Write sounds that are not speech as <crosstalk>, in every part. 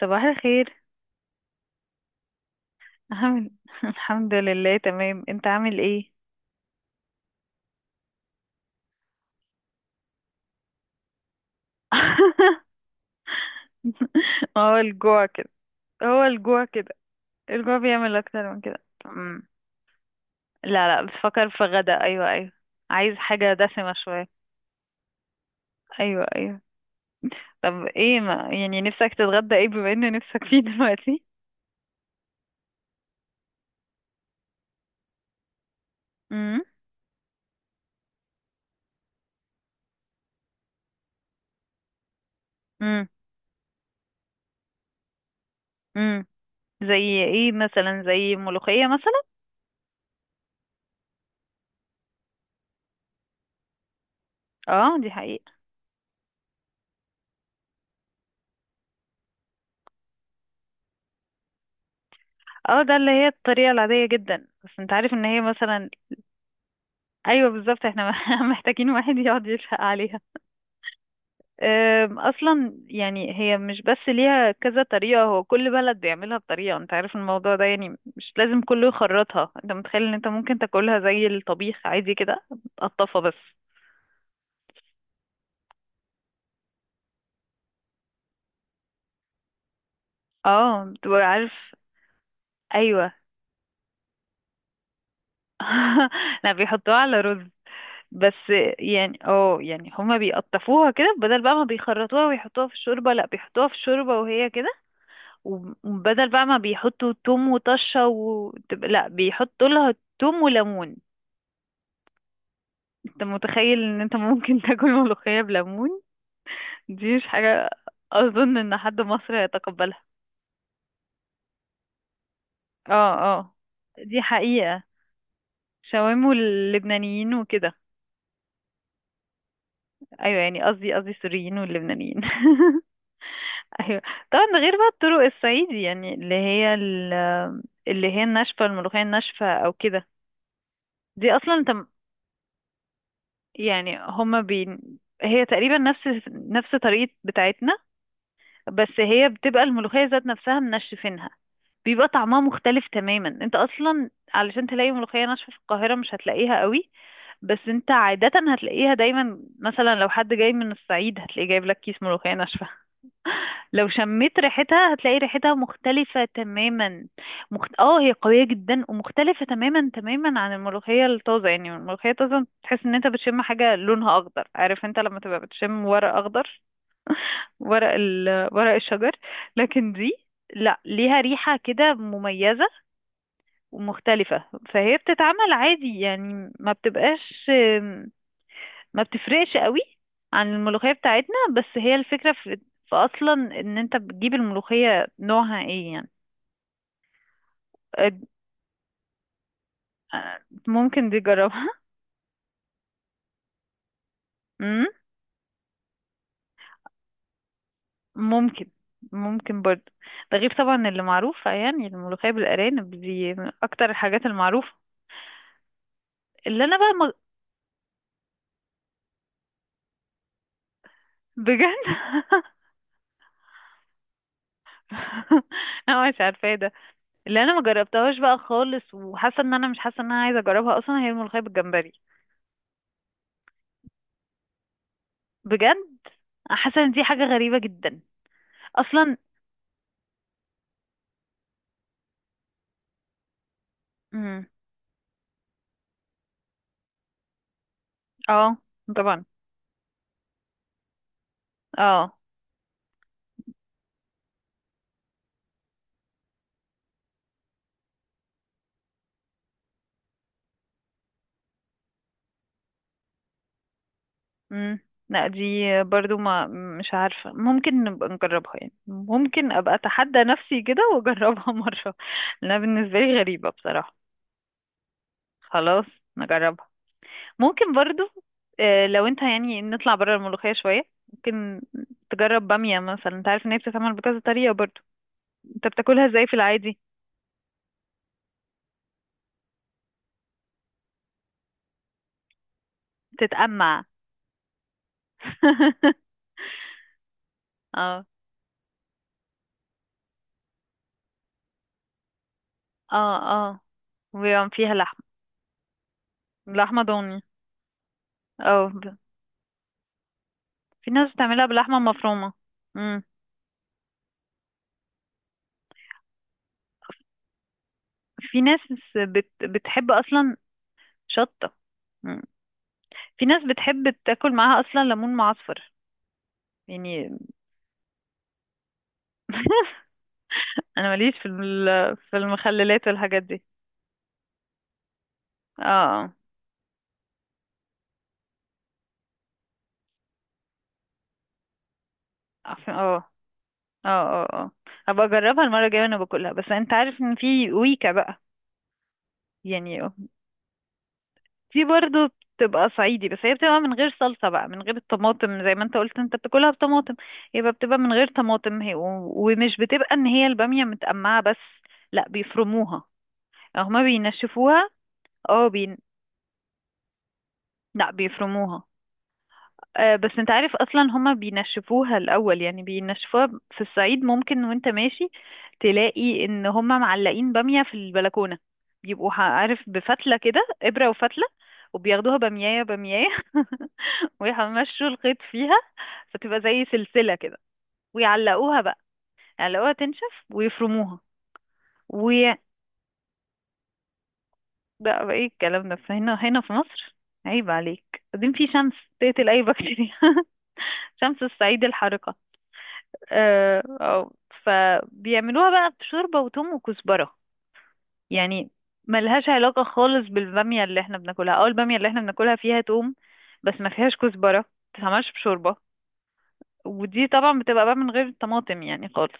صباح الخير. عامل <laughs> الحمد لله تمام، انت عامل ايه؟ <laughs> هو الجوع كده. هو الجوع كده. الجوع بيعمل اكتر من كده. لا، لا، بفكر في غدا، ايوه، ايوه. عايز حاجة دسمة شوية. ايوه، ايوه. طب ايه؟ ما يعني نفسك تتغدى ايه بما ان نفسك فيه دلوقتي؟ امم. امم. امم. زي ايه مثلا؟ زي ملوخية مثلا. اه، دي حقيقة. اه، ده اللي هي الطريقة العادية جدا، بس انت عارف ان هي مثلا. ايوه بالظبط، احنا <laughs> محتاجين واحد يقعد يشفق عليها. اصلا يعني هي مش بس ليها كذا طريقه، هو كل بلد بيعملها بطريقه. انت عارف الموضوع ده يعني مش لازم كله يخرطها. انت متخيل ان انت ممكن تاكلها زي الطبيخ عادي كده؟ تقطفها بس. اه، بتبقى عارف. ايوه. <laughs> لا، بيحطوها على رز بس. يعني يعني هما بيقطفوها كده، بدل بقى ما بيخرطوها ويحطوها في الشوربه. لا، بيحطوها في الشوربه وهي كده. وبدل بقى ما بيحطوا توم وطشة لا، بيحطوا لها توم وليمون. انت متخيل ان انت ممكن <laughs> تاكل ملوخية بليمون؟ دي مش حاجة. اظن ان حد مصري هيتقبلها. اه، اه، دي حقيقة. شاورما واللبنانيين وكده. ايوه يعني قصدي السوريين واللبنانيين. <laughs> ايوه. طبعا ده غير بقى الطرق الصعيدي، يعني اللي هي الناشفة، الملوخية الناشفة او كده. دي اصلا انت، يعني هما بي... هي تقريبا نفس طريقة بتاعتنا. بس هي بتبقى الملوخية ذات نفسها منشفينها. بيبقى طعمها مختلف تماما. انت اصلا علشان تلاقي ملوخية ناشفة في القاهرة، مش هتلاقيها قوي. بس انت عادة هتلاقيها دايما، مثلا لو حد جاي من الصعيد، هتلاقيه جايب لك كيس ملوخية ناشفة. لو شميت ريحتها، هتلاقي ريحتها مختلفة تماما. اه، هي قوية جدا ومختلفة تماما تماما عن الملوخية الطازة. يعني الملوخية الطازة تحس ان انت بتشم حاجة لونها اخضر، عارف انت لما تبقى بتشم ورق اخضر. ورق الشجر. لكن دي، لا، ليها ريحة كده مميزة ومختلفة. فهي بتتعمل عادي يعني ما بتبقاش، ما بتفرقش قوي عن الملوخية بتاعتنا. بس هي الفكرة في اصلا ان انت بتجيب الملوخية نوعها ايه يعني. أد- آه، ممكن دي جربها. <laughs> مم، ممكن ممكن برضه. ده غير طبعا اللي معروفة، يعني الملوخية بالأرانب دي من أكتر الحاجات المعروفة. اللي أنا بقى ما... بجد. <laughs> أنا مش عارفة إيه ده. اللي أنا ما جربتهاش بقى خالص وحاسة إن أنا مش حاسة إن أنا عايزة أجربها أصلا، هي الملوخية بالجمبري. بجد، حاسة إن دي حاجة غريبة جدا. اصلا. امم. اه. طبعا. اه. امم. لا، دي برضو ما، مش عارفة. ممكن نبقى نجربها، يعني ممكن ابقى اتحدى نفسي كده واجربها <laughs> مرة. لانها بالنسبة لي غريبة بصراحة. خلاص، نجربها. ممكن برضو. آه، لو انت يعني نطلع بره الملوخية شوية، ممكن تجرب بامية مثلا. انت عارف ان هي بتتعمل بكذا طريقة برضو. انت بتاكلها ازاي في العادي؟ تتقمع. <laughs> اه، اه، اه، وبيبقى فيها لحمة. لحمة ضاني. اه. في ناس بتعملها باللحمة المفرومة. مم. في ناس بتحب أصلا. شطة. مم. في ناس بتحب تاكل معاها أصلا ليمون معصفر يعني. أنا ماليش في المخللات والحاجات دي. اه، اه، اه، اه، اه، آه. هبقى أجربها المرة الجاية وأنا باكلها، بس أنت عارف إن في ويكا بقى يعني. دي برضو بتبقى صعيدي، بس هي بتبقى من غير صلصة بقى، من غير الطماطم. زي ما انت قلت انت بتاكلها بطماطم، يبقى بتبقى من غير طماطم هي ومش بتبقى ان هي البامية متقمعة بس. لا، بيفرموها. هما بينشفوها، اه. لا، بيفرموها. آه، بس انت عارف اصلا هما بينشفوها الاول، يعني بينشفوها في الصعيد. ممكن وانت ماشي تلاقي ان هما معلقين بامية في البلكونة. بيبقوا عارف بفتلة كده، ابرة وفتلة، وبياخدوها باميايه باميايه. <laughs> ويمشوا الخيط فيها فتبقى زي سلسلة كده. ويعلقوها بقى، يعلقوها تنشف، ويفرموها. وي بقى ايه الكلام ده؟ فهنا هنا في مصر، عيب عليك. بعدين في شمس تقتل اي بكتيريا. <laughs> شمس الصعيد الحارقة. آه، آه، فبيعملوها بقى بشوربة وتوم وكزبرة يعني. ملهاش علاقة خالص بالبامية اللي احنا بناكلها، او البامية اللي احنا بناكلها فيها توم بس ما فيهاش كزبرة، ما بتتعملش بشوربة. ودي طبعا بتبقى بقى من غير طماطم يعني خالص.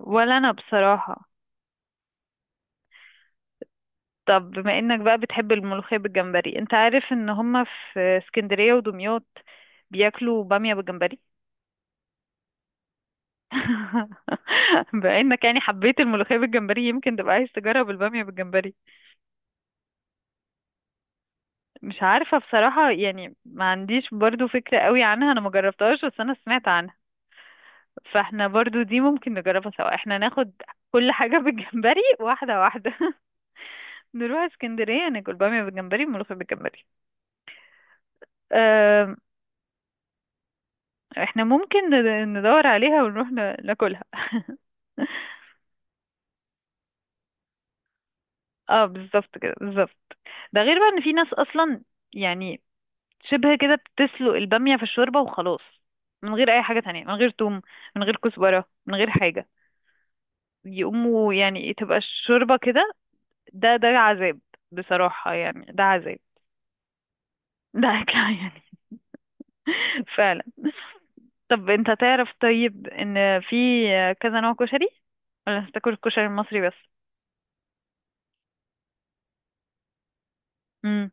ولا انا بصراحة. طب بما انك بقى بتحب الملوخية بالجمبري، انت عارف ان هما في اسكندرية ودمياط بياكلوا بامية بالجمبري. <laughs> بما انك يعني حبيت الملوخية بالجمبري، يمكن تبقى عايز تجرب البامية بالجمبري. مش عارفة بصراحة، يعني ما عنديش برضو فكرة قوي عنها، انا ما جربتهاش بس انا سمعت عنها. فاحنا برضو دي ممكن نجربها سوا، احنا ناخد كل حاجة <laughs> بالجمبري، واحدة واحدة. <laughs> نروح اسكندرية ناكل بامية بالجمبري وملوخية بالجمبري. احنا ممكن ندور عليها ونروح ناكلها. <laughs> اه، بالظبط كده، بالظبط. ده غير بقى ان في ناس اصلا يعني شبه كده بتسلق البامية في الشوربة وخلاص، من غير اي حاجة تانية، من غير توم، من غير كزبرة، من غير حاجة. يقوموا يعني تبقى الشوربة كده. ده عذاب. بصراحة يعني ده عذاب. ده اكل <laughs> يعني. فعلا. طب انت تعرف طيب ان في كذا نوع كشري؟ ولا هتاكل الكشري المصري بس؟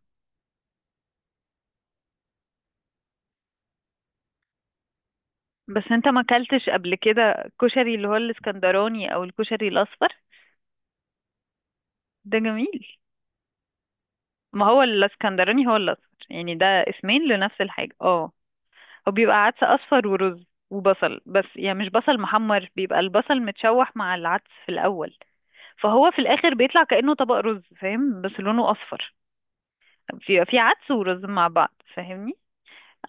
بس انت ما اكلتش قبل كده كشري اللي هو الاسكندراني او الكشري الاصفر. ده جميل. ما هو الاسكندراني هو الاصفر، يعني ده اسمين لنفس الحاجة. اه. هو بيبقى عدس اصفر ورز وبصل، بس يعني مش بصل محمر، بيبقى البصل متشوح مع العدس في الاول. فهو في الاخر بيطلع كأنه طبق رز فاهم، بس لونه اصفر. بيبقى فيه عدس ورز مع بعض، فاهمني.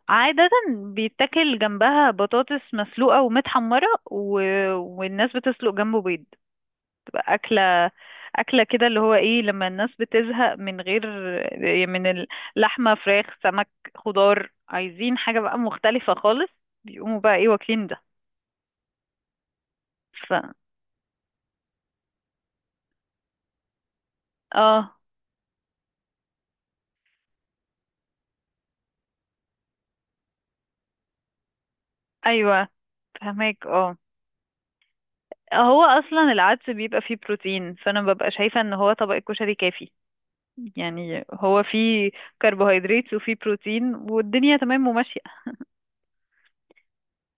عادة بيتاكل جنبها بطاطس مسلوقة ومتحمرة. والناس بتسلق جنبه بيض. تبقى أكلة. أكلة كده، اللي هو إيه، لما الناس بتزهق من غير يعني من اللحمة، فراخ، سمك، خضار، عايزين حاجة بقى مختلفة خالص، بيقوموا بقى إيه، واكلين ده. ف اه أيوه، فهماك اه. هو أصلا العدس بيبقى فيه بروتين، فأنا ببقى شايفة إن هو طبق الكشري كافي. يعني هو فيه كربوهيدرات وفيه بروتين والدنيا تمام وماشية.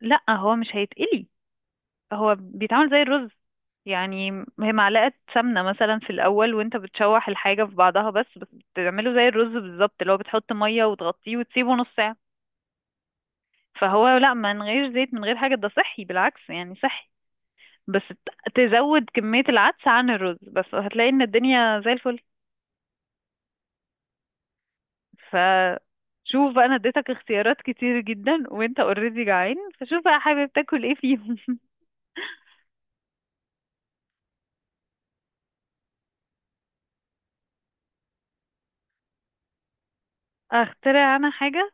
لأ، هو مش هيتقلي. هو بيتعمل زي الرز يعني. هي معلقة سمنة مثلا في الأول وانت بتشوح الحاجة في بعضها بس. بتعمله زي الرز بالظبط، اللي هو بتحط مية وتغطيه وتسيبه نص ساعة. فهو لا، من غير زيت من غير حاجة، ده صحي بالعكس يعني، صحي. بس تزود كمية العدس عن الرز، بس هتلاقي ان الدنيا زي الفل. فشوف بقى، انا اديتك اختيارات كتير جدا، وانت اوريدي جعان، فشوف بقى حابب تاكل ايه فيهم. <laughs> اخترع انا حاجة؟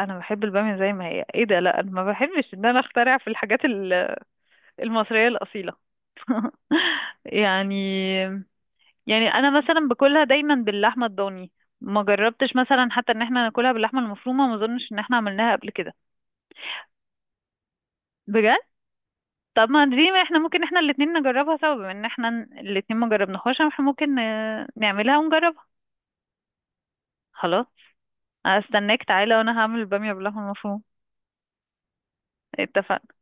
انا بحب الباميه زي ما هي، ايه ده، لا، انا ما بحبش ان انا اخترع في الحاجات المصريه الاصيله. <laughs> يعني يعني انا مثلا باكلها دايما باللحمه الضاني. ما جربتش مثلا حتى ان احنا ناكلها باللحمه المفرومه، ما اظنش ان احنا عملناها قبل كده. بجد. طب ما دي، ما احنا ممكن احنا الاتنين نجربها سوا، بما ان احنا الاتنين ما جربناهاش، احنا ممكن نعملها ونجربها. خلاص. استناك تعالى وانا هعمل الباميه باللحمه المفرومه. اتفقنا.